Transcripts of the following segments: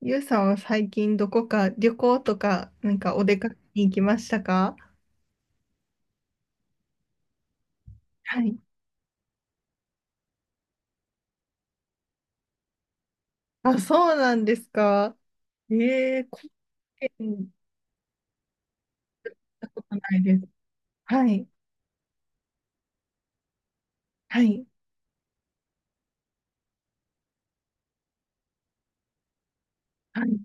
ゆうさんは最近どこか旅行とか、なんかお出かけに行きましたか？はい。あ、そうなんですか。ええー、貢献したことないです。はい。はい。はい。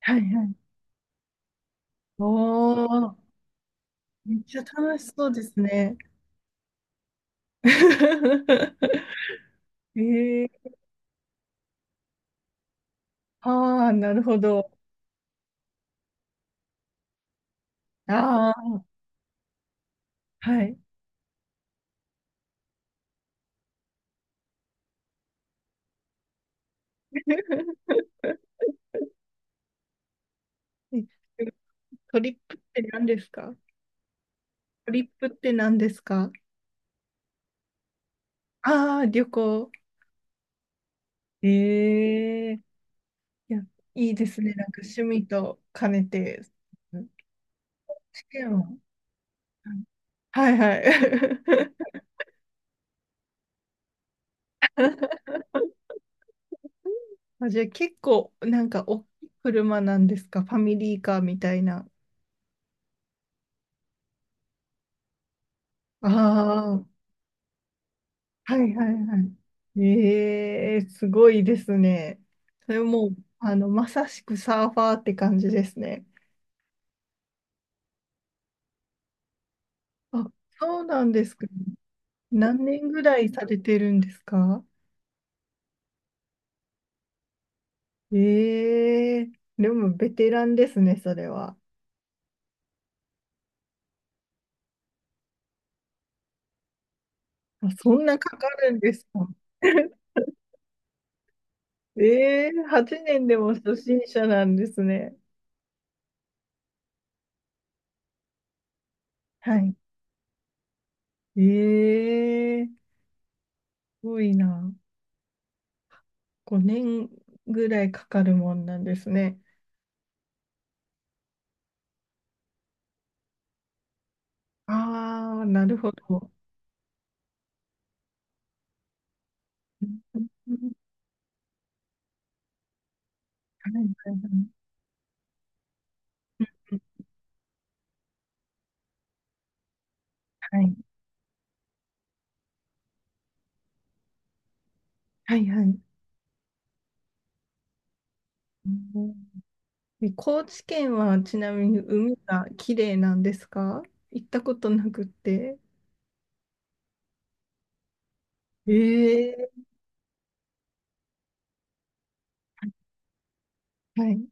はい。はい。おー、めっちゃ楽しそうですね。ええー、ああ、なるほど。ああ、はい。えトリップって何ですか？トリップって何ですか？ああー、旅行。えいや、いいですね。なんか趣味と兼ねて。うん。試験は、はいはいはい。あ、じゃあ結構なんか大きい車なんですか？ファミリーカーみたいな。ああ、はいはいはい。ええ、すごいですね。それもう、あの、まさしくサーファーって感じですね。あ、そうなんですか。何年ぐらいされてるんですか？ええ、でもベテランですね、それは。あ、そんなかかるんですか。ええ、8年でも初心者なんですね。はい。ええーすごいな。5年ぐらいかかるもんなんですね。ああ、なるほど。うんうん、はい、はい、はい。はい、はいはい、うん。高知県はちなみに海が綺麗なんですか？行ったことなくて。ええ、はい。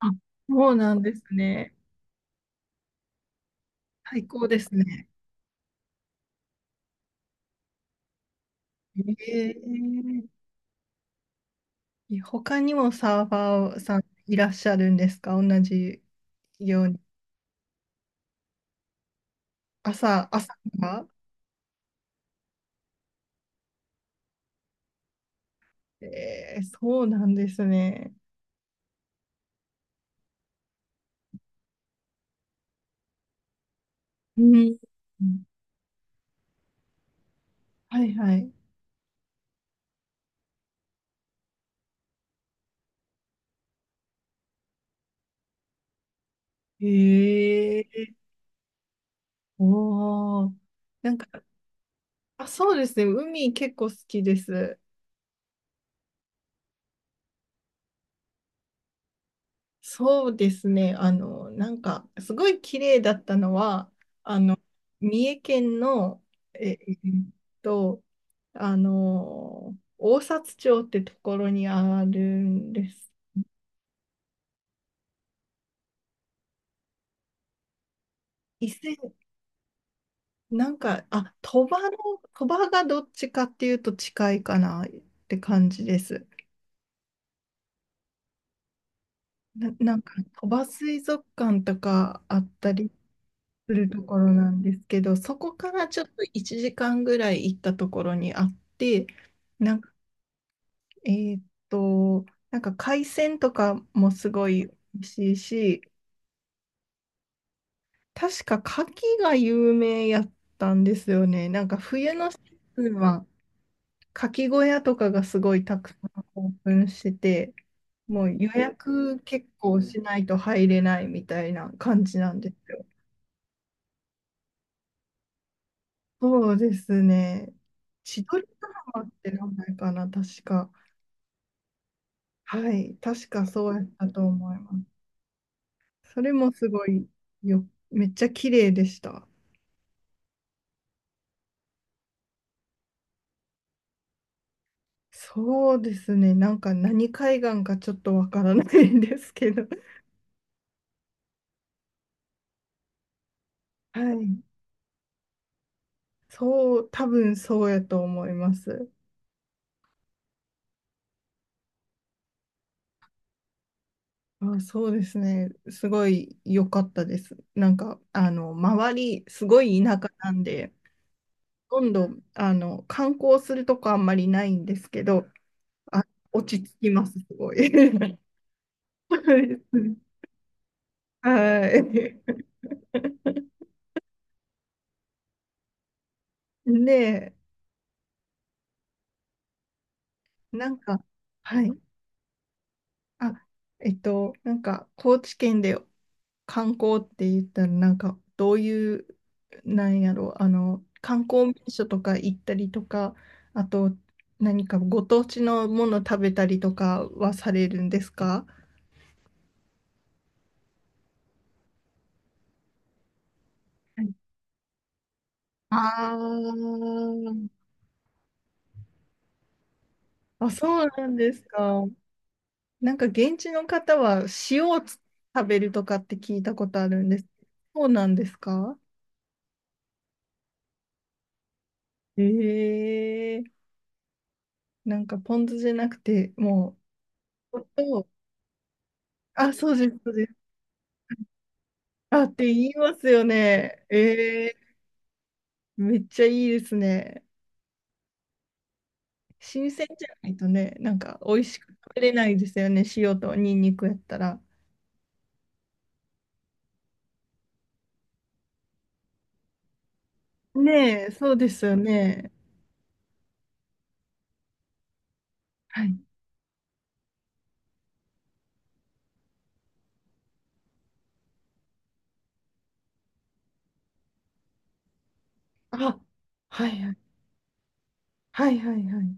あ、そうなんですね。最高ですね。ええ、他にもサーファーさんいらっしゃるんですか、同じように？朝がええ、そうなんですね。うん。はいはい。ええ、おお。なんか、あ、そうですね。海結構好きです。そうですね。あの、なんか、すごい綺麗だったのは、あの、三重県の、ええーっと、あの、大札町ってところにあるんです。伊勢、なんか、あ、鳥羽の、鳥羽がどっちかっていうと近いかなって感じです。なんか、鳥羽水族館とかあったり、するところなんですけど、そこからちょっと1時間ぐらい行ったところにあって、なんか、えーっと、なんか海鮮とかもすごい美味しいし、確か牡蠣が有名やったんですよね。なんか冬のシーズンは牡蠣小屋とかがすごいたくさんオープンしてて、もう予約結構しないと入れないみたいな感じなんですよ。そうですね。千鳥ヶ浜って名前かな、確か。はい、確かそうやったと思います。それもすごいよ、めっちゃ綺麗でした。そうですね、なんか何海岸かちょっとわからないんですけど、はい、そう、多分そうやと思います。あ、そうですね、すごい良かったです。なんか、あの、周り、すごい田舎なんで、ほとんど、あの、観光するとこあんまりないんですけど、あ、落ち着きます、すごい。はい。で、なんか、はい。あ、なんか、高知県で観光って言ったら、なんか、どういう、なんやろう、あの、観光名所とか行ったりとか、あと、何かご当地のもの食べたりとかはされるんですか？はい。あー。あ、そうなんですか。なんか現地の方は塩を食べるとかって聞いたことあるんです。そうなんですか？ええ。なんかポン酢じゃなくて、もう、おと、あ、そうです、そうです。あ、って言いますよね。ええ、めっちゃいいですね。新鮮じゃないとね、なんか美味しく食べれないですよね。塩とニンニクやったら。ねえ、そうですよね。はい。あ、はいはい。はいはいはい。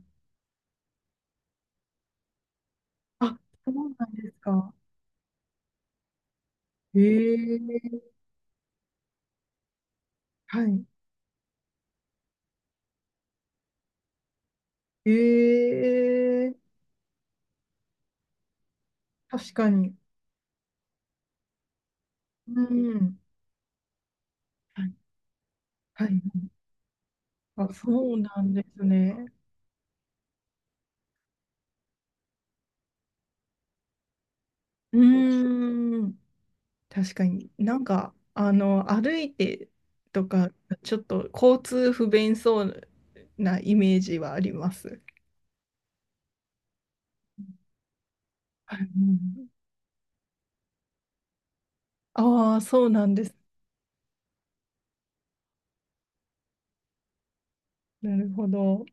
あ、そうなんですか。ええ、はい。ええ、確かに。うん。はい。はい。あ、そうなんですね。うーん。確かに。なんか、あの、歩いてとか、ちょっと交通不便そうなイメージはあります。はい。ああー、そうなんです。なるほど。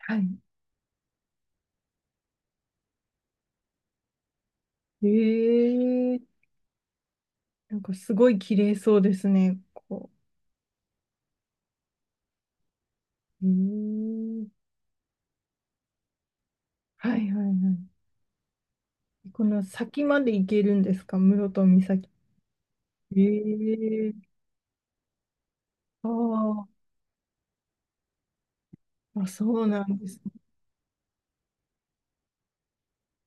はい。ええ、なんかすごい綺麗そうですね。こう。ええ、はいはいはい。この先まで行けるんですか、室戸岬？ええ、ああ、あそうなんです。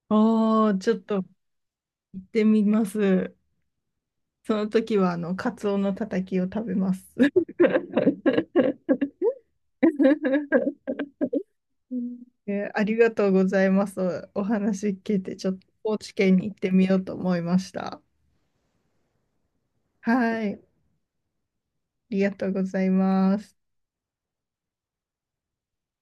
ああ、ちょっと行ってみます。その時は、あの、カツオのたたきを食べます。ありがとうございます。お話聞いて、ちょっと高知県に行ってみようと思いました。はい、ありがとうございます。